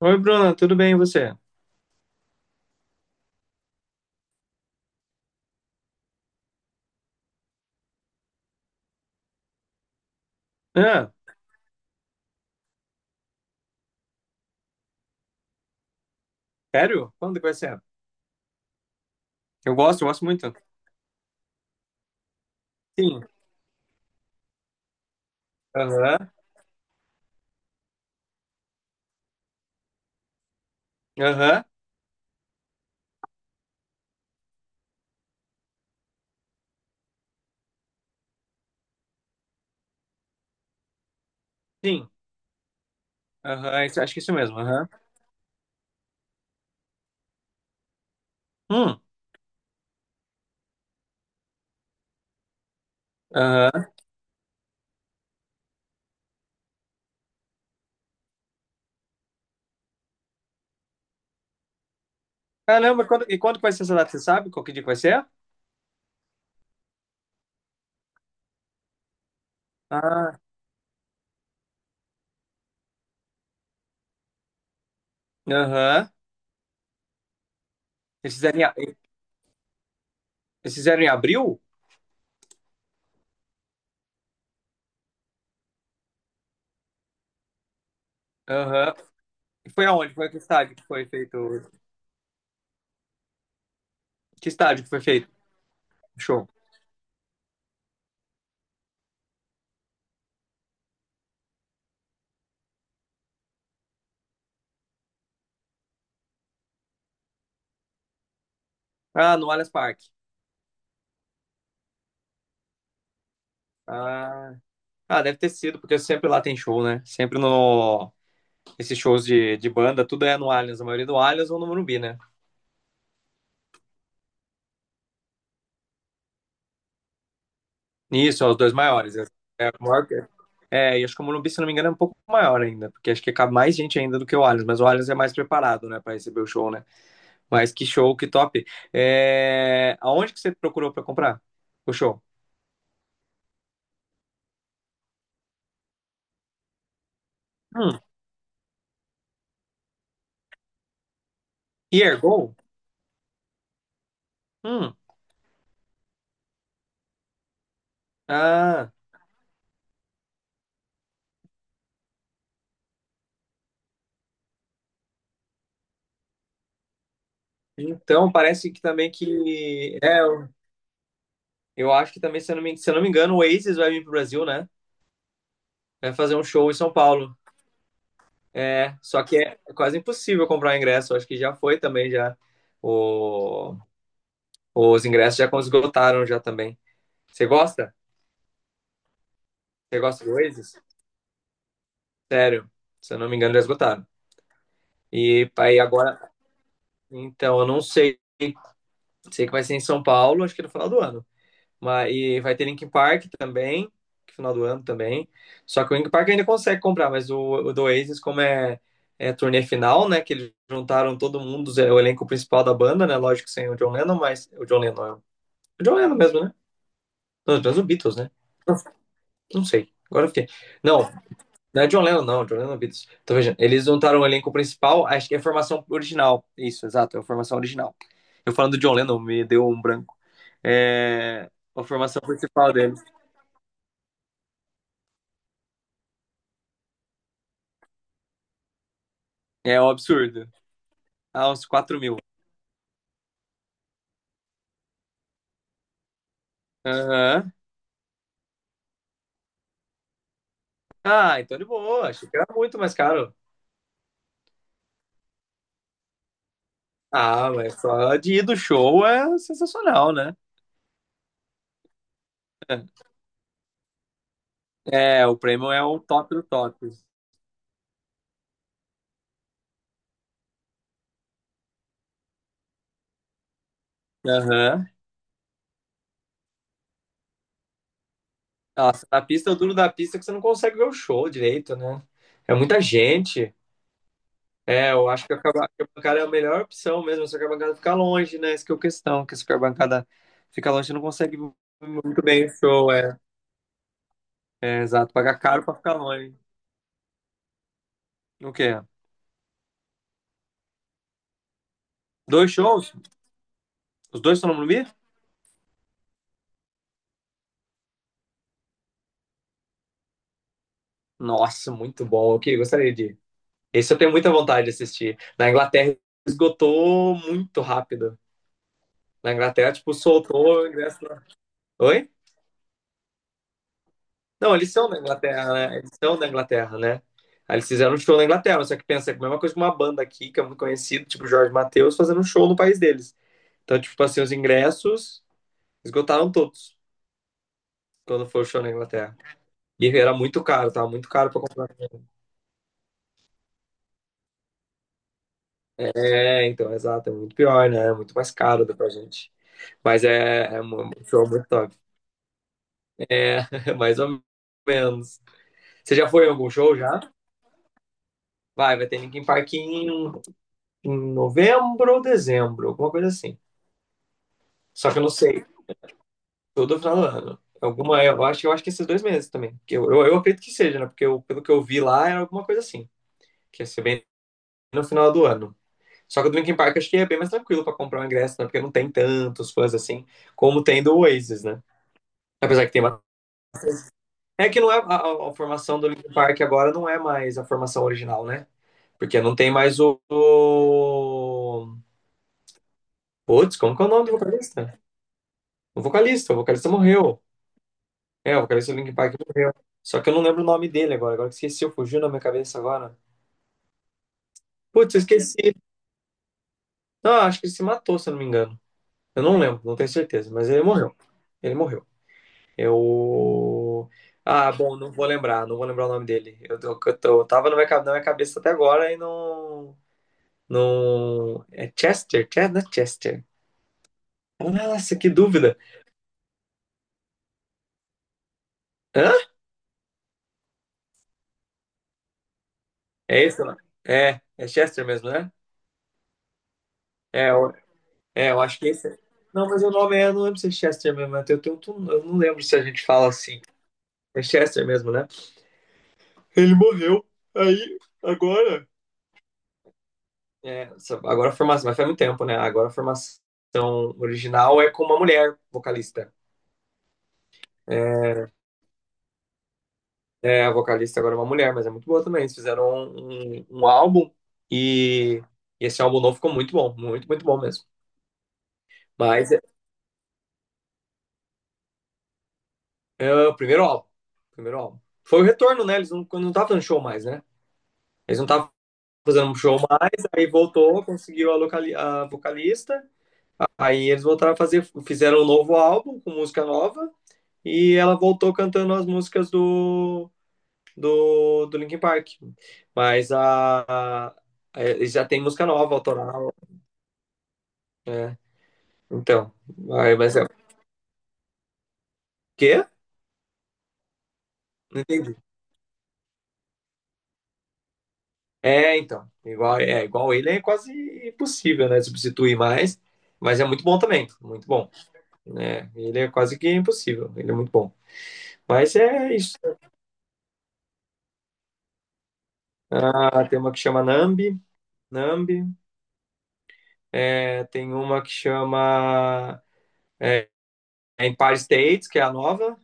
Oi, Bruna, tudo bem e você? Ah, sério? Quando que vai ser? Eu gosto muito. Sim. Aham. Aham. Sim. Aham. Acho que é isso mesmo. Aham. Hum. Aham. Caramba, quando que vai ser essa data? Você sabe qual que dia que vai ser? Ah. Aham. Eles fizeram em, eles fizeram em abril? Aham. E foi aonde? Foi que estádio que foi feito? Que estádio que foi feito? O show. Ah, no Allianz Parque. Ah. Ah, deve ter sido, porque sempre lá tem show, né? Sempre no, esses shows de banda, tudo é no Allianz, a maioria do Allianz ou no Morumbi, né? Isso, é os dois maiores. É, é, e acho que o Morumbi, se não me engano, é um pouco maior ainda, porque acho que cabe mais gente ainda do que o Allianz, mas o Allianz é mais preparado, né, para receber o show, né? Mas que show, que top. É, aonde que você procurou para comprar o show? Hum, Ergo? Hum, ah, então parece que também que... Eu acho que também, se eu não me, se eu não me engano, o Oasis vai vir pro Brasil, né? Vai fazer um show em São Paulo. É, só que é quase impossível comprar ingresso. Acho que já foi também já. O- os ingressos já esgotaram já também. Você gosta? Você gosta do Oasis? Sério, se eu não me engano, já esgotaram. E aí agora, então, eu não sei. Sei que vai ser em São Paulo, acho que no final do ano. Mas, e vai ter Linkin Park também, que final do ano também. Só que o Linkin Park ainda consegue comprar, mas o do Oasis, como é, é turnê final, né? Que eles juntaram todo mundo, é o elenco principal da banda, né? Lógico que sem o John Lennon, mas o John Lennon é o John Lennon mesmo, né? Não, mas o Beatles, né? Não, sei. Agora eu fiquei. Não, não é John Lennon, não. John Lennon é Beatles. Então, veja, eles juntaram o elenco principal, acho que é a formação original. Isso, exato, é a formação original. Eu falando do John Lennon, me deu um branco. É a formação principal deles. É um absurdo. Ah, uns 4 mil. Aham. Ah, então de boa. Achei que era muito mais caro. Ah, mas só de ir do show é sensacional, né? É, o prêmio é o top do top. Aham. Nossa, na pista, o duro da pista é que você não consegue ver o show direito, né? É muita gente. É, eu acho que a bancada é a melhor opção mesmo, só que a bancada fica longe, né? Essa que é a questão, que se a bancada fica longe, você não consegue muito bem o show, é. É, exato, pagar caro pra ficar longe. O quê? Dois shows? Os dois estão no Morumbi? Nossa, muito bom. Ok, gostaria de. Esse eu tenho muita vontade de assistir. Na Inglaterra esgotou muito rápido. Na Inglaterra, tipo, soltou o ingresso lá. Oi? Não, eles são da Inglaterra, né? Eles são da Inglaterra, né? Aí eles fizeram um show na Inglaterra, só que pensa que a mesma coisa que uma banda aqui, que é muito conhecida, tipo Jorge Mateus, fazendo um show no país deles. Então, tipo assim, os ingressos esgotaram todos quando foi o show na Inglaterra. E era muito caro, tava muito caro pra comprar. É, então, exato, é muito pior, né? É muito mais caro do que pra gente. Mas é um show muito top. Mais ou menos. Você já foi em algum show já? Vai ter Linkin Park em, em novembro ou dezembro, alguma coisa assim. Só que eu não sei. Todo final do ano. Alguma, eu acho que esses dois meses também. Que eu acredito que seja, né? Pelo que eu vi lá, era alguma coisa assim. Que ia ser bem no final do ano. Só que o do Linkin Park acho que é bem mais tranquilo pra comprar um ingresso, né? Porque não tem tantos fãs assim como tem do Oasis, né? Apesar que tem. É que não é a formação do Linkin Park agora não é mais a formação original, né? Porque não tem mais o. Putz, como que é o nome do vocalista? O vocalista morreu. É, o vocalista do Linkin Park morreu. Só que eu não lembro o nome dele agora. Agora que esqueci, fugiu na minha cabeça agora. Putz, eu esqueci. Não, acho que ele se matou, se eu não me engano. Eu não lembro, não tenho certeza, mas ele morreu. Ele morreu. Eu. Ah, bom, não vou lembrar, não vou lembrar o nome dele. Eu tava na minha, na minha cabeça até agora e não. No é Chester, Chester, não é Chester. Nossa, que dúvida. Hã? É esse lá? É, é Chester mesmo, né? É, eu, é, eu acho que esse. Não, mas o nome é, eu não lembro se é Chester mesmo, né? Eu não lembro se a gente fala assim. É Chester mesmo, né? Ele morreu. Aí, agora. Agora a formação, mas faz muito tempo, né? Agora a formação original é com uma mulher vocalista. É, é, a vocalista agora é uma mulher, mas é muito boa também. Eles fizeram um álbum e, e esse álbum novo ficou muito bom, muito, muito bom mesmo. Mas é, é o primeiro álbum, primeiro álbum. Foi o retorno, né? Eles não, quando não estavam fazendo show mais, né? Eles não estavam fazendo show mais, aí voltou, conseguiu a, a vocalista, aí eles voltaram a fazer, fizeram um novo álbum com música nova e ela voltou cantando as músicas do Linkin Park. Mas a- eles já tem música nova, autoral. É, então. Aí, mas é o quê? Não entendi. É, então. Igual, é, igual ele é quase impossível, né? Substituir mais. Mas é muito bom também. Muito bom. Né, ele é quase que impossível. Ele é muito bom. Mas é isso. Ah, tem uma que chama Nambi. Nambi. É, tem uma que chama é, Empire States, que é a nova,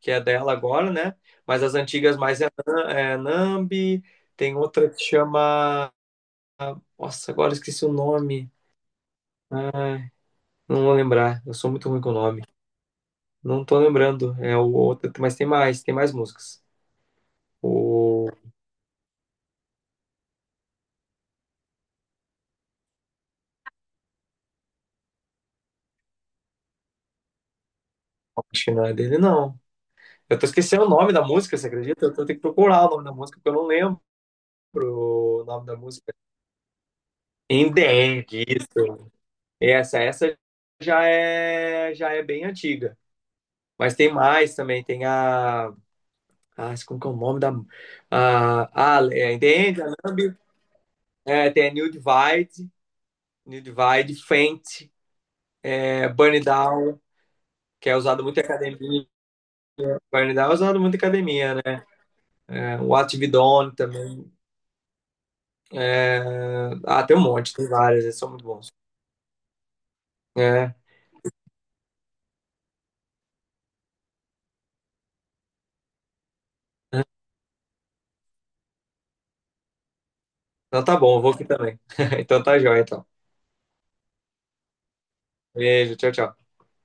que é dela agora, né? Mas as antigas mais é, é Nambi. Tem outra que chama. Nossa, agora eu esqueci o nome. ah, Não vou lembrar, eu sou muito ruim com o nome. Não tô lembrando, é o outro, mas tem mais músicas. O acho que não é dele, não. Eu tô esquecendo o nome da música, você acredita? Eu tô tendo que procurar o nome da música, porque eu não lembro o nome da música. In the End, isso. Essa já é bem antiga. Mas tem mais também, tem a... Ah, como que é o nome da... Ah, é In the End, a Numb, é, tem a New Divide, New Divide, Faint, é, Burn It Down, que é usado muito em academia, Guarnidal é usado muito em academia, né? O Atividone também. É... Ah, tem um monte, tem vários, eles são muito bons. É. Então tá bom, eu vou aqui também. Então tá joia, então. Beijo, tchau, tchau.